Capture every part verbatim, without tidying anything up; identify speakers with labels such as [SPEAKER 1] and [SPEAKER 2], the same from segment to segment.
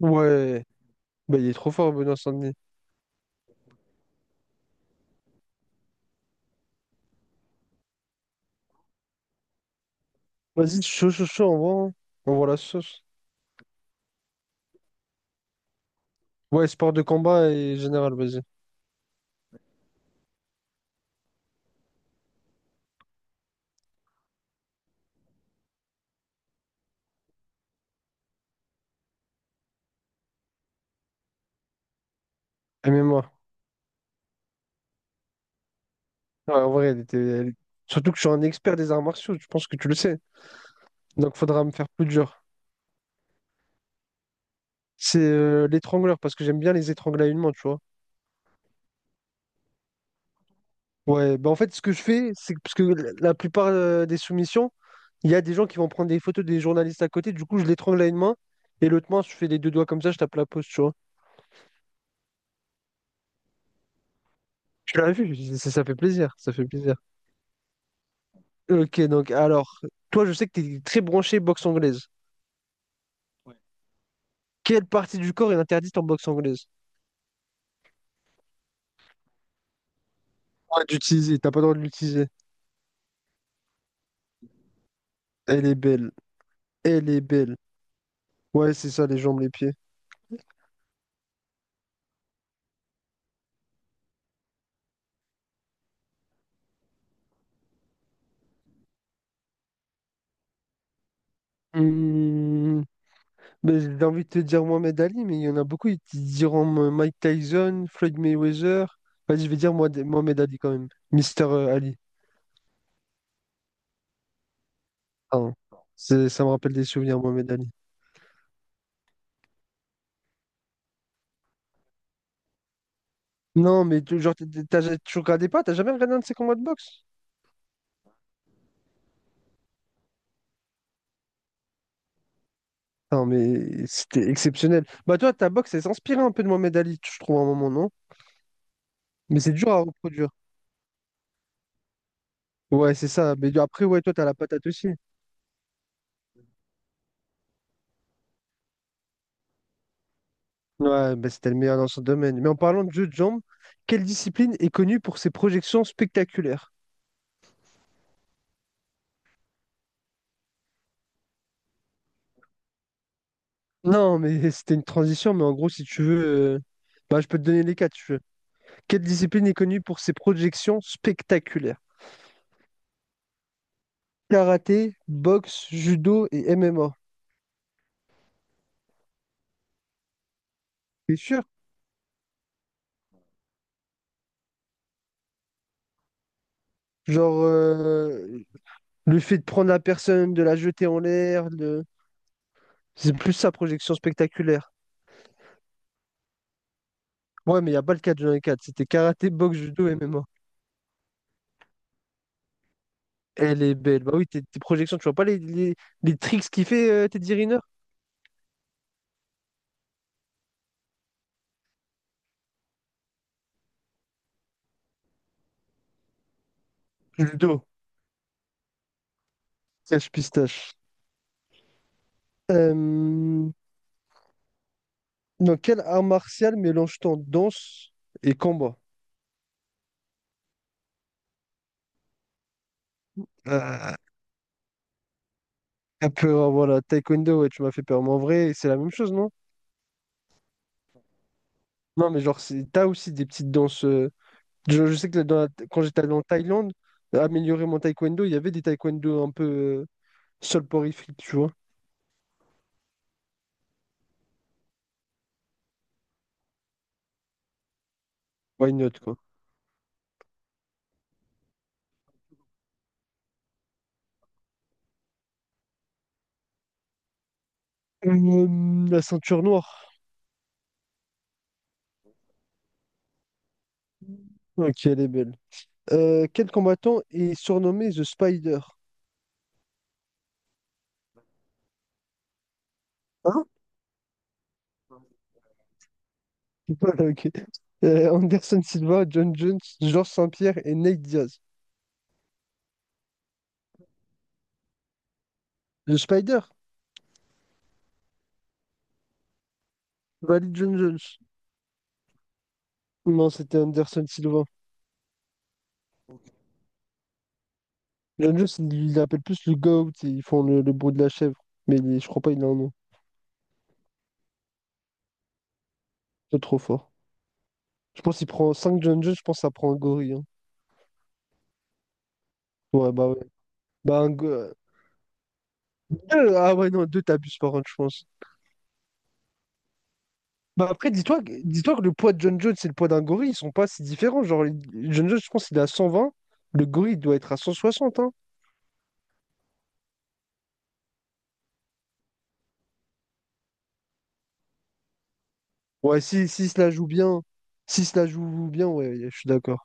[SPEAKER 1] Ouais, bah, il est trop fort, Benoît Saint-Denis. Vas-y, chaud, chaud, chaud, on voit, hein. On voit la sauce. Ouais, sport de combat et général, vas-y. M M A. Ouais, en vrai, elle était. elle- Surtout que je suis un expert des arts martiaux, je pense que tu le sais. Donc, faudra me faire plus dur. C'est euh, l'étrangleur, parce que j'aime bien les étrangler à une main, tu vois. Ouais, bah en fait, ce que je fais, c'est que, parce que la la plupart euh, des soumissions, il y a des gens qui vont prendre des photos des journalistes à côté, du coup, je l'étrangle à une main, et l'autre main, je fais les deux doigts comme ça, je tape la pause, tu vois. Tu l'as vu, ça ça fait plaisir, ça fait plaisir. Ok, donc alors, toi, je sais que tu es très branché boxe anglaise. Ouais. Quelle partie du corps est interdite en boxe anglaise? Ouais, d'utiliser, t'as pas le droit de l'utiliser. Elle est belle, elle est belle. Ouais, c'est ça, les jambes, les pieds. Hmm, mais j'ai envie de te dire Mohamed Ali, mais il y en a beaucoup. Ils te diront euh, Mike Tyson, Floyd Mayweather. Vas-y, je vais dire moi, Mohamed Ali quand même. Mister euh, Ali. Pardon. C'est- ça me rappelle des souvenirs, Mohamed Ali. Non, mais tu- genre, t'as t'as- ja-, tu regardais pas, t'as jamais regardé un de ses combats de boxe? Non, mais c'était exceptionnel. Bah, toi, ta boxe, elle s'inspirait un peu de Mohamed Ali, je trouve, à un moment, non? Mais c'est dur à reproduire. Ouais, c'est ça. Mais après, ouais, toi, t'as la patate aussi. Ouais, bah, c'était le meilleur dans son domaine. Mais en parlant de jeu de jambes, quelle discipline est connue pour ses projections spectaculaires? Non, mais c'était une transition, mais en gros, si tu veux, euh, bah, je peux te donner les quatre, si tu veux. Quelle discipline est connue pour ses projections spectaculaires? Karaté, boxe, judo et M M A. C'est sûr? Genre, euh, le fait de prendre la personne, de la jeter en l'air, de c'est plus sa projection spectaculaire. Ouais, mais il n'y a pas le quatre dans les quatre. C'était karaté, boxe, judo, M M A. Elle est belle. Bah oui, tes, tes projections, tu vois pas les, les, les tricks qu'il fait, euh, Teddy Riner? Judo, cache pistache. Euh, Dans quel art martial mélange-t-on danse et combat? Ah, capoeira, voilà, taekwondo, ouais, tu m'as fait peur. Mais en vrai, c'est la même chose, non? Non, mais genre, c'est- t'as aussi des petites danses. euh, Je, je sais que dans la- quand j'étais allé en Thaïlande, améliorer mon taekwondo, il y avait des taekwondo un peu euh, soporifiques, tu vois. Why not, quoi. Euh, la ceinture noire. Ok, elle est belle. Euh, quel combattant est surnommé The Spider? Hein? Ok. Euh, Anderson Silva, John Jones, Georges Saint-Pierre et Nate Diaz. The Spider? Valide John Jones. Non, c'était Anderson Silva. John Jones, il l'appelle plus le GOAT et ils font le, le bruit de la chèvre. Mais il est- je crois pas il a un nom. C'est trop fort. Je pense qu'il prend cinq John Jones, je pense que ça prend un gorille, hein. Ouais, bah ouais. Bah, un go- euh, deux, ah ouais, non, deux t'abuses par contre, je pense. Bah après, dis-toi, que- dis-toi que le poids de John Jones et le poids d'un gorille, ils sont pas si différents. Genre, les- John Jones, je pense qu'il est à cent vingt, le gorille il doit être à cent soixante, hein. Ouais, si, si se la joue bien, si se la joue bien, ouais, je suis d'accord.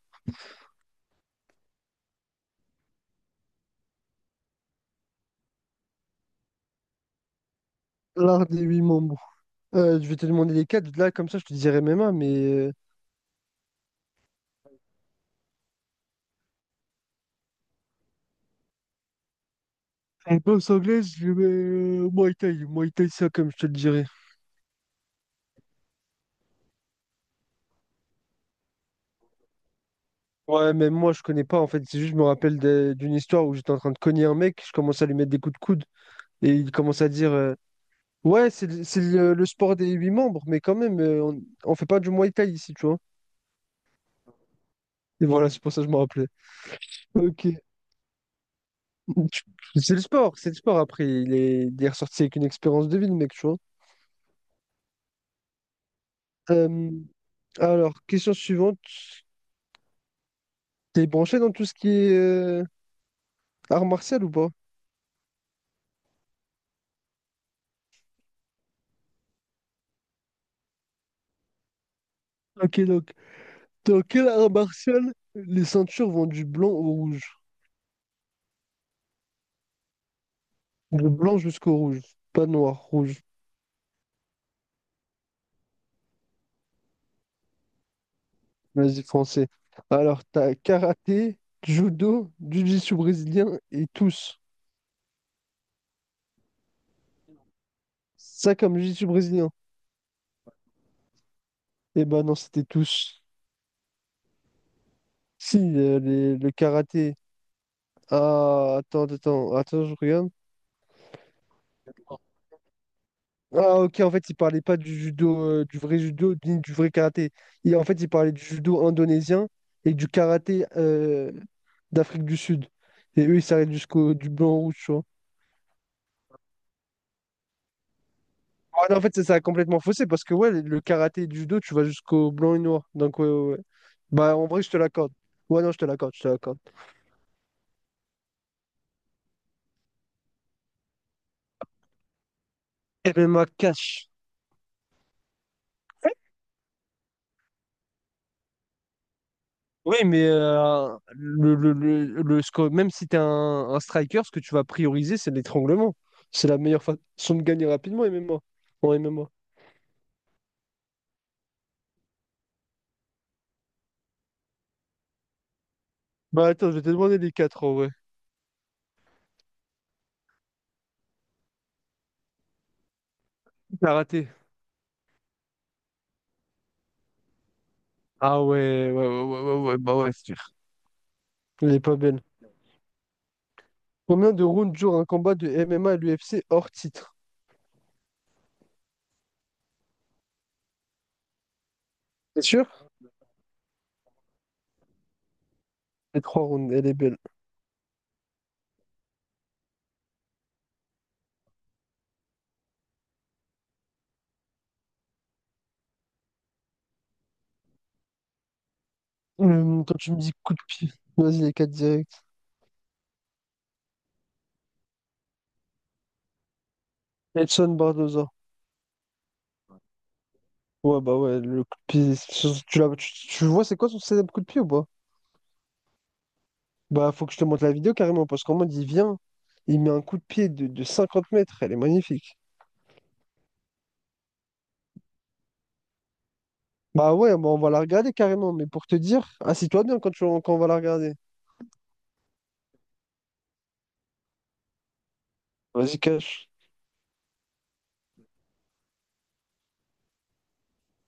[SPEAKER 1] L'art des huit membres. Euh, je vais te demander les quatre, là, comme ça, je te dirais M M A, mais... euh, en boxe anglaise, je mets euh, Muay Thai, Muay Thai, ça, comme je te le dirais. Ouais, même moi, je connais pas en fait. C'est juste, je me rappelle de- d'une histoire où j'étais en train de cogner un mec, je commence à lui mettre des coups de coude et il commence à dire euh, ouais, c'est le, c'est le- le sport des huit membres, mais quand même, euh, on, on fait pas du Muay Thai ici, tu vois. Et voilà, c'est pour ça que je me rappelais. Ok. Tu- C'est le sport, c'est le sport. Après, il est, il est ressorti avec une expérience de vie, le mec, tu vois. Euh, alors, question suivante. T'es branché dans tout ce qui est euh, art martial ou pas? Ok, donc, dans quel art martial les ceintures vont du blanc au rouge? Du blanc jusqu'au rouge. Pas noir, rouge. Vas-y, foncé. Alors, t'as karaté, judo, jiu-jitsu brésilien et tous. Ça comme jiu-jitsu brésilien. Eh ben non, c'était tous. Si, euh, les- le karaté. Ah, attends, attends, attends, je regarde. Ah, ok, en fait, il parlait pas du judo, euh, du vrai judo, ni du vrai karaté. Il, en fait, il parlait du judo indonésien et du karaté euh, d'Afrique du Sud. Et eux, ils s'arrêtent jusqu'au du blanc-rouge. Ouais, non, en fait, c'est ça a complètement faussé parce que ouais, le karaté et le judo, tu vas jusqu'au blanc et noir. Donc ouais, ouais, ouais. Bah en vrai, je te l'accorde. Ouais, non, je te l'accorde, je te l'accorde. M M A cash. Oui, mais euh, le, le, le, le sco- même si t'es un, un striker, ce que tu vas prioriser, c'est l'étranglement. C'est la meilleure façon de gagner rapidement M M A. En M M A. Bah attends, je vais te demander les quatre en vrai. Karaté. Ah ouais, ouais, ouais, ouais, ouais, ouais, ouais, bah ouais, c'est sûr. Elle est pas belle. Combien de rounds dure un combat de M M A à l'U F C hors titre? C'est sûr? Les trois rounds, elle est belle. Hum, quand tu me dis coup de pied, vas-y, les quatre directs. Edson Barboza. Ouais, bah ouais, le coup de pied. c'est- Tu, l'as- tu, tu vois, c'est quoi son célèbre coup de pied ou pas? Bah, faut que je te montre la vidéo carrément, parce qu'en mode, il vient, il met un coup de pied de, de cinquante mètres, elle est magnifique. Bah ouais, bah on va la regarder carrément, mais pour te dire, assis-toi bien quand, tu, quand on va la regarder. Vas-y, cache.